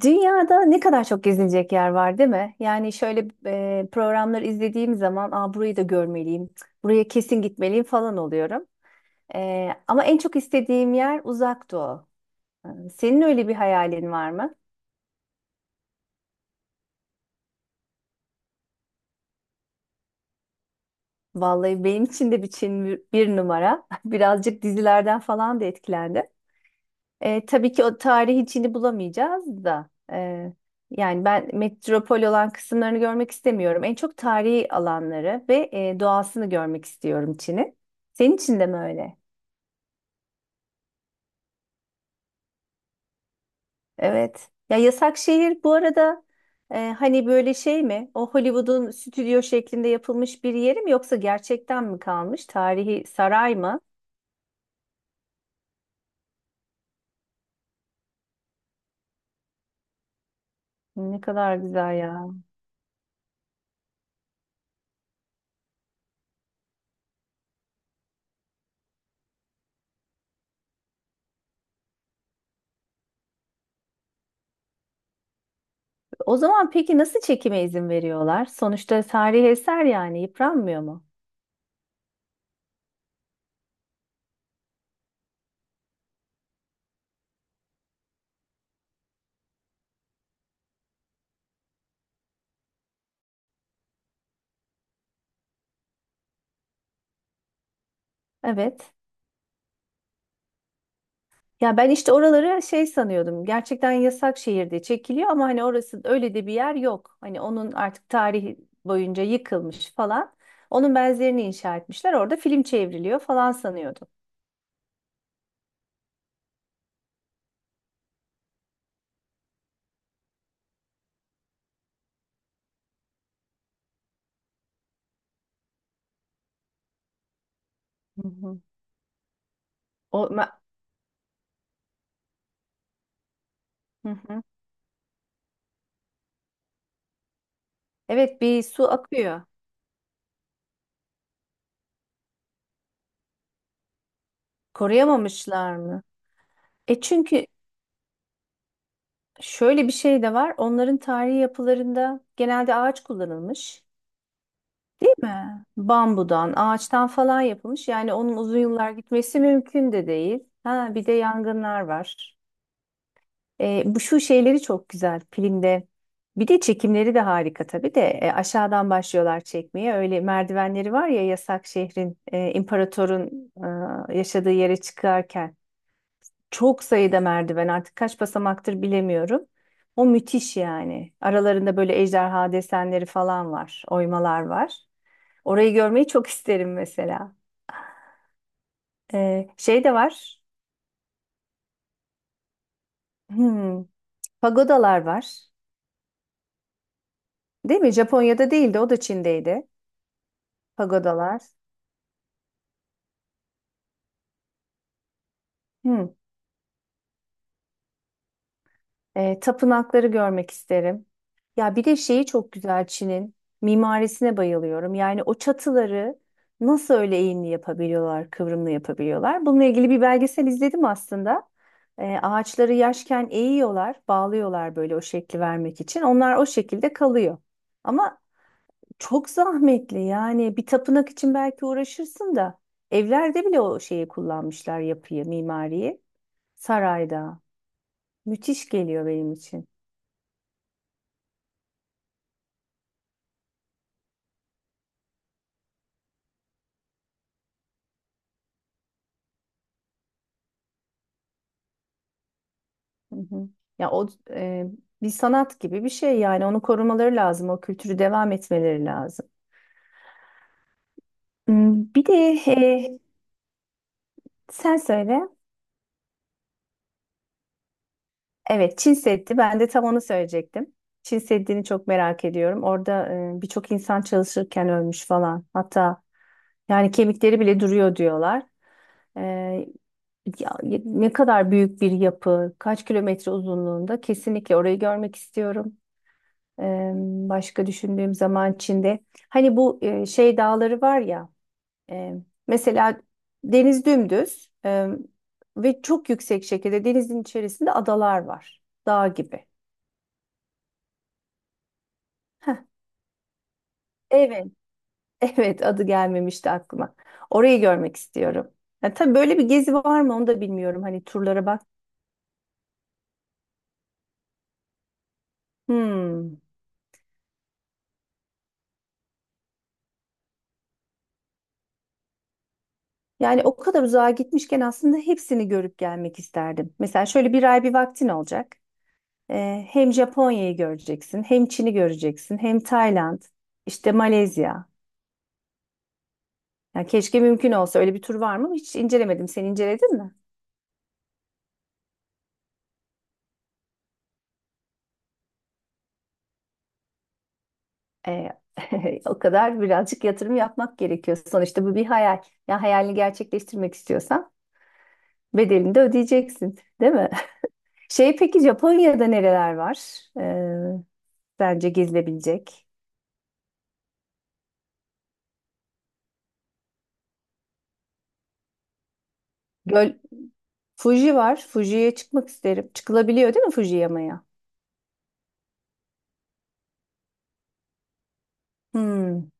Dünyada ne kadar çok gezilecek yer var, değil mi? Yani şöyle programları izlediğim zaman, aa, burayı da görmeliyim, cık, buraya kesin gitmeliyim falan oluyorum. Ama en çok istediğim yer Uzak Doğu. Senin öyle bir hayalin var mı? Vallahi benim için de bir Çin bir numara. Birazcık dizilerden falan da etkilendim. E, tabii ki o tarihi içini bulamayacağız da. Yani ben metropol olan kısımlarını görmek istemiyorum. En çok tarihi alanları ve doğasını görmek istiyorum Çin'in. Senin için de mi öyle? Evet. Ya yasak şehir bu arada, hani böyle şey mi? O Hollywood'un stüdyo şeklinde yapılmış bir yeri mi yoksa gerçekten mi kalmış? Tarihi saray mı? Ne kadar güzel ya. O zaman peki nasıl çekime izin veriyorlar? Sonuçta tarihi eser, yani yıpranmıyor mu? Evet. Ya ben işte oraları şey sanıyordum. Gerçekten yasak şehirde çekiliyor ama hani orası öyle de bir yer yok. Hani onun artık tarihi boyunca yıkılmış falan. Onun benzerini inşa etmişler. Orada film çevriliyor falan sanıyordum. Hı hı. O, ma- hı hı. Evet, bir su akıyor. Koruyamamışlar mı? E, çünkü şöyle bir şey de var. Onların tarihi yapılarında genelde ağaç kullanılmış. Değil mi? Bambudan, ağaçtan falan yapılmış. Yani onun uzun yıllar gitmesi mümkün de değil. Ha, bir de yangınlar var. Bu şu şeyleri çok güzel filmde. Bir de çekimleri de harika tabii de. Aşağıdan başlıyorlar çekmeye. Öyle merdivenleri var ya yasak şehrin, imparatorun yaşadığı yere çıkarken. Çok sayıda merdiven, artık kaç basamaktır bilemiyorum. O müthiş yani. Aralarında böyle ejderha desenleri falan var, oymalar var. Orayı görmeyi çok isterim mesela. Şey de var. Hmm, pagodalar var. Değil mi? Japonya'da değildi, o da Çin'deydi. Pagodalar. Hmm, tapınakları görmek isterim. Ya bir de şeyi çok güzel Çin'in mimarisine bayılıyorum. Yani o çatıları nasıl öyle eğimli yapabiliyorlar, kıvrımlı yapabiliyorlar. Bununla ilgili bir belgesel izledim aslında. Ağaçları yaşken eğiyorlar, bağlıyorlar böyle o şekli vermek için. Onlar o şekilde kalıyor. Ama çok zahmetli, yani bir tapınak için belki uğraşırsın da evlerde bile o şeyi kullanmışlar, yapıyı, mimariyi. Sarayda. Müthiş geliyor benim için. Hı hı. Ya o e, Bir sanat gibi bir şey, yani onu korumaları lazım, o kültürü devam etmeleri lazım. Hmm, bir de e, sen söyle. Evet, Çin Seddi. Ben de tam onu söyleyecektim. Çin Seddi'ni çok merak ediyorum. Orada birçok insan çalışırken ölmüş falan. Hatta yani kemikleri bile duruyor diyorlar. E, Ya, ne kadar büyük bir yapı, kaç kilometre uzunluğunda, kesinlikle orayı görmek istiyorum. Eee, Başka düşündüğüm zaman Çin'de hani bu şey dağları var ya, e, mesela deniz dümdüz ve çok yüksek şekilde denizin içerisinde adalar var. Dağ gibi. Evet, evet, adı gelmemişti aklıma. Orayı görmek istiyorum. Ya, tabii böyle bir gezi var mı onu da bilmiyorum. Hani turlara bak. Hmm. Yani o kadar uzağa gitmişken aslında hepsini görüp gelmek isterdim. Mesela şöyle bir ay bir vaktin olacak. Hem Japonya'yı göreceksin, hem Çin'i göreceksin, hem Tayland, işte Malezya. Yani keşke mümkün olsa, öyle bir tur var mı? Hiç incelemedim. Sen inceledin mi? Ee, O kadar birazcık yatırım yapmak gerekiyor. Sonuçta bu bir hayal. Ya hayalini gerçekleştirmek istiyorsan bedelini de ödeyeceksin, değil mi? Şey, peki Japonya'da nereler var? Bence gezilebilecek. Göl, Fuji var. Fuji'ye çıkmak isterim. Çıkılabiliyor değil mi Fuji yamaya? Hmm.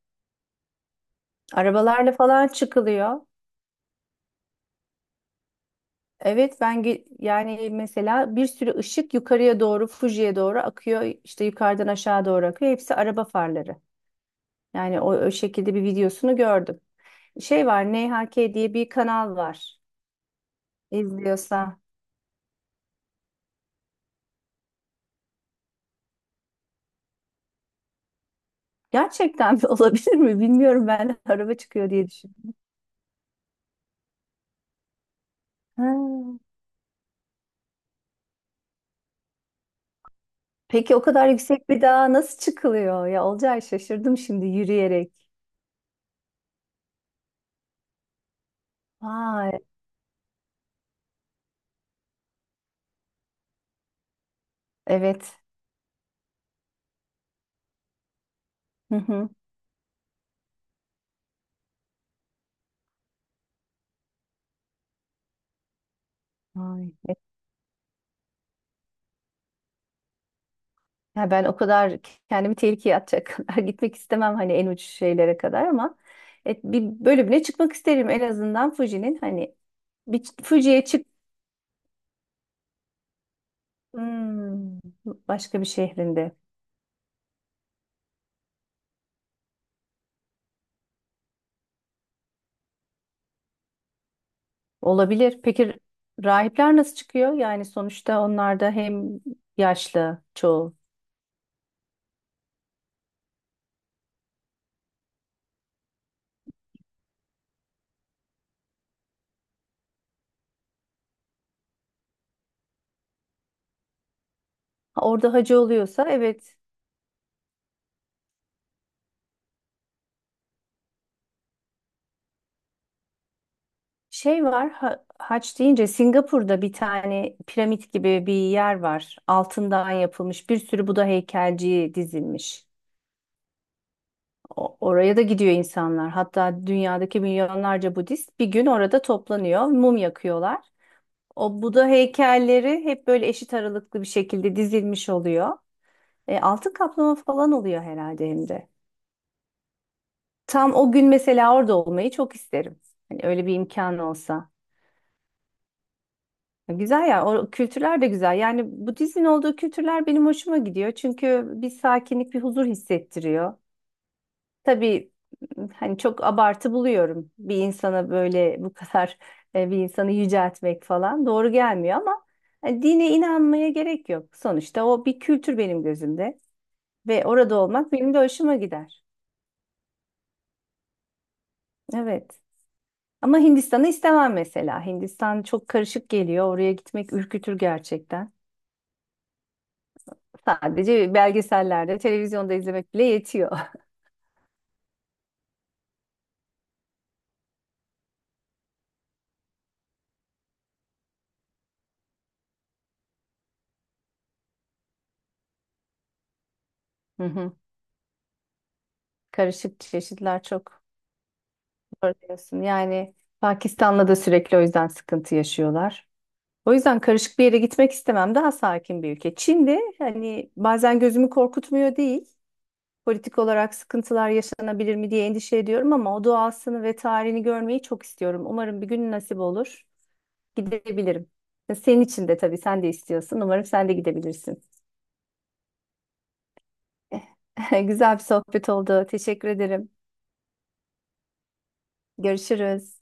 Arabalarla falan çıkılıyor. Evet, yani mesela bir sürü ışık yukarıya doğru Fuji'ye doğru akıyor. İşte yukarıdan aşağı doğru akıyor. Hepsi araba farları. Yani o şekilde bir videosunu gördüm. Şey var, NHK diye bir kanal var. İzliyorsa. Gerçekten mi olabilir mi? Bilmiyorum, ben araba çıkıyor diye düşündüm. Ha. Peki o kadar yüksek bir dağa nasıl çıkılıyor? Ya Olcay, şaşırdım şimdi, yürüyerek. Vay, evet. Hı hı. Vay. Evet. Ya ben o kadar kendimi tehlikeye atacak kadar gitmek istemem, hani en uç şeylere kadar, ama bir bölümüne çıkmak isterim en azından Fuji'nin, hani bir ç- Fuji'ye çık Hmm, başka bir şehrinde olabilir. Peki rahipler nasıl çıkıyor? Yani sonuçta onlar da hem yaşlı çoğu. Ha, orada hacı oluyorsa evet. Haç deyince Singapur'da bir tane piramit gibi bir yer var. Altından yapılmış bir sürü Buda heykelci dizilmiş. Oraya da gidiyor insanlar. Hatta dünyadaki milyonlarca Budist bir gün orada toplanıyor, mum yakıyorlar. O Buda heykelleri hep böyle eşit aralıklı bir şekilde dizilmiş oluyor. Altın kaplama falan oluyor herhalde hem de. Tam o gün mesela orada olmayı çok isterim. Hani öyle bir imkan olsa. Güzel ya, o kültürler de güzel. Yani Budizmin olduğu kültürler benim hoşuma gidiyor. Çünkü bir sakinlik, bir huzur hissettiriyor. Tabii hani çok abartı buluyorum, bir insana böyle bu kadar, bir insanı yüceltmek falan doğru gelmiyor, ama hani dine inanmaya gerek yok. Sonuçta o bir kültür benim gözümde ve orada olmak benim de hoşuma gider. Evet. Ama Hindistan'ı istemem mesela. Hindistan çok karışık geliyor. Oraya gitmek ürkütür gerçekten. Sadece belgesellerde, televizyonda izlemek bile yetiyor. Hı hı. Karışık, çeşitler çok. Doğru diyorsun. Yani Pakistan'la da sürekli o yüzden sıkıntı yaşıyorlar. O yüzden karışık bir yere gitmek istemem. Daha sakin bir ülke. Çin de hani bazen gözümü korkutmuyor değil. Politik olarak sıkıntılar yaşanabilir mi diye endişe ediyorum, ama o doğasını ve tarihini görmeyi çok istiyorum. Umarım bir gün nasip olur. Gidebilirim. Senin için de, tabii sen de istiyorsun. Umarım sen de gidebilirsin. Güzel bir sohbet oldu. Teşekkür ederim. Görüşürüz.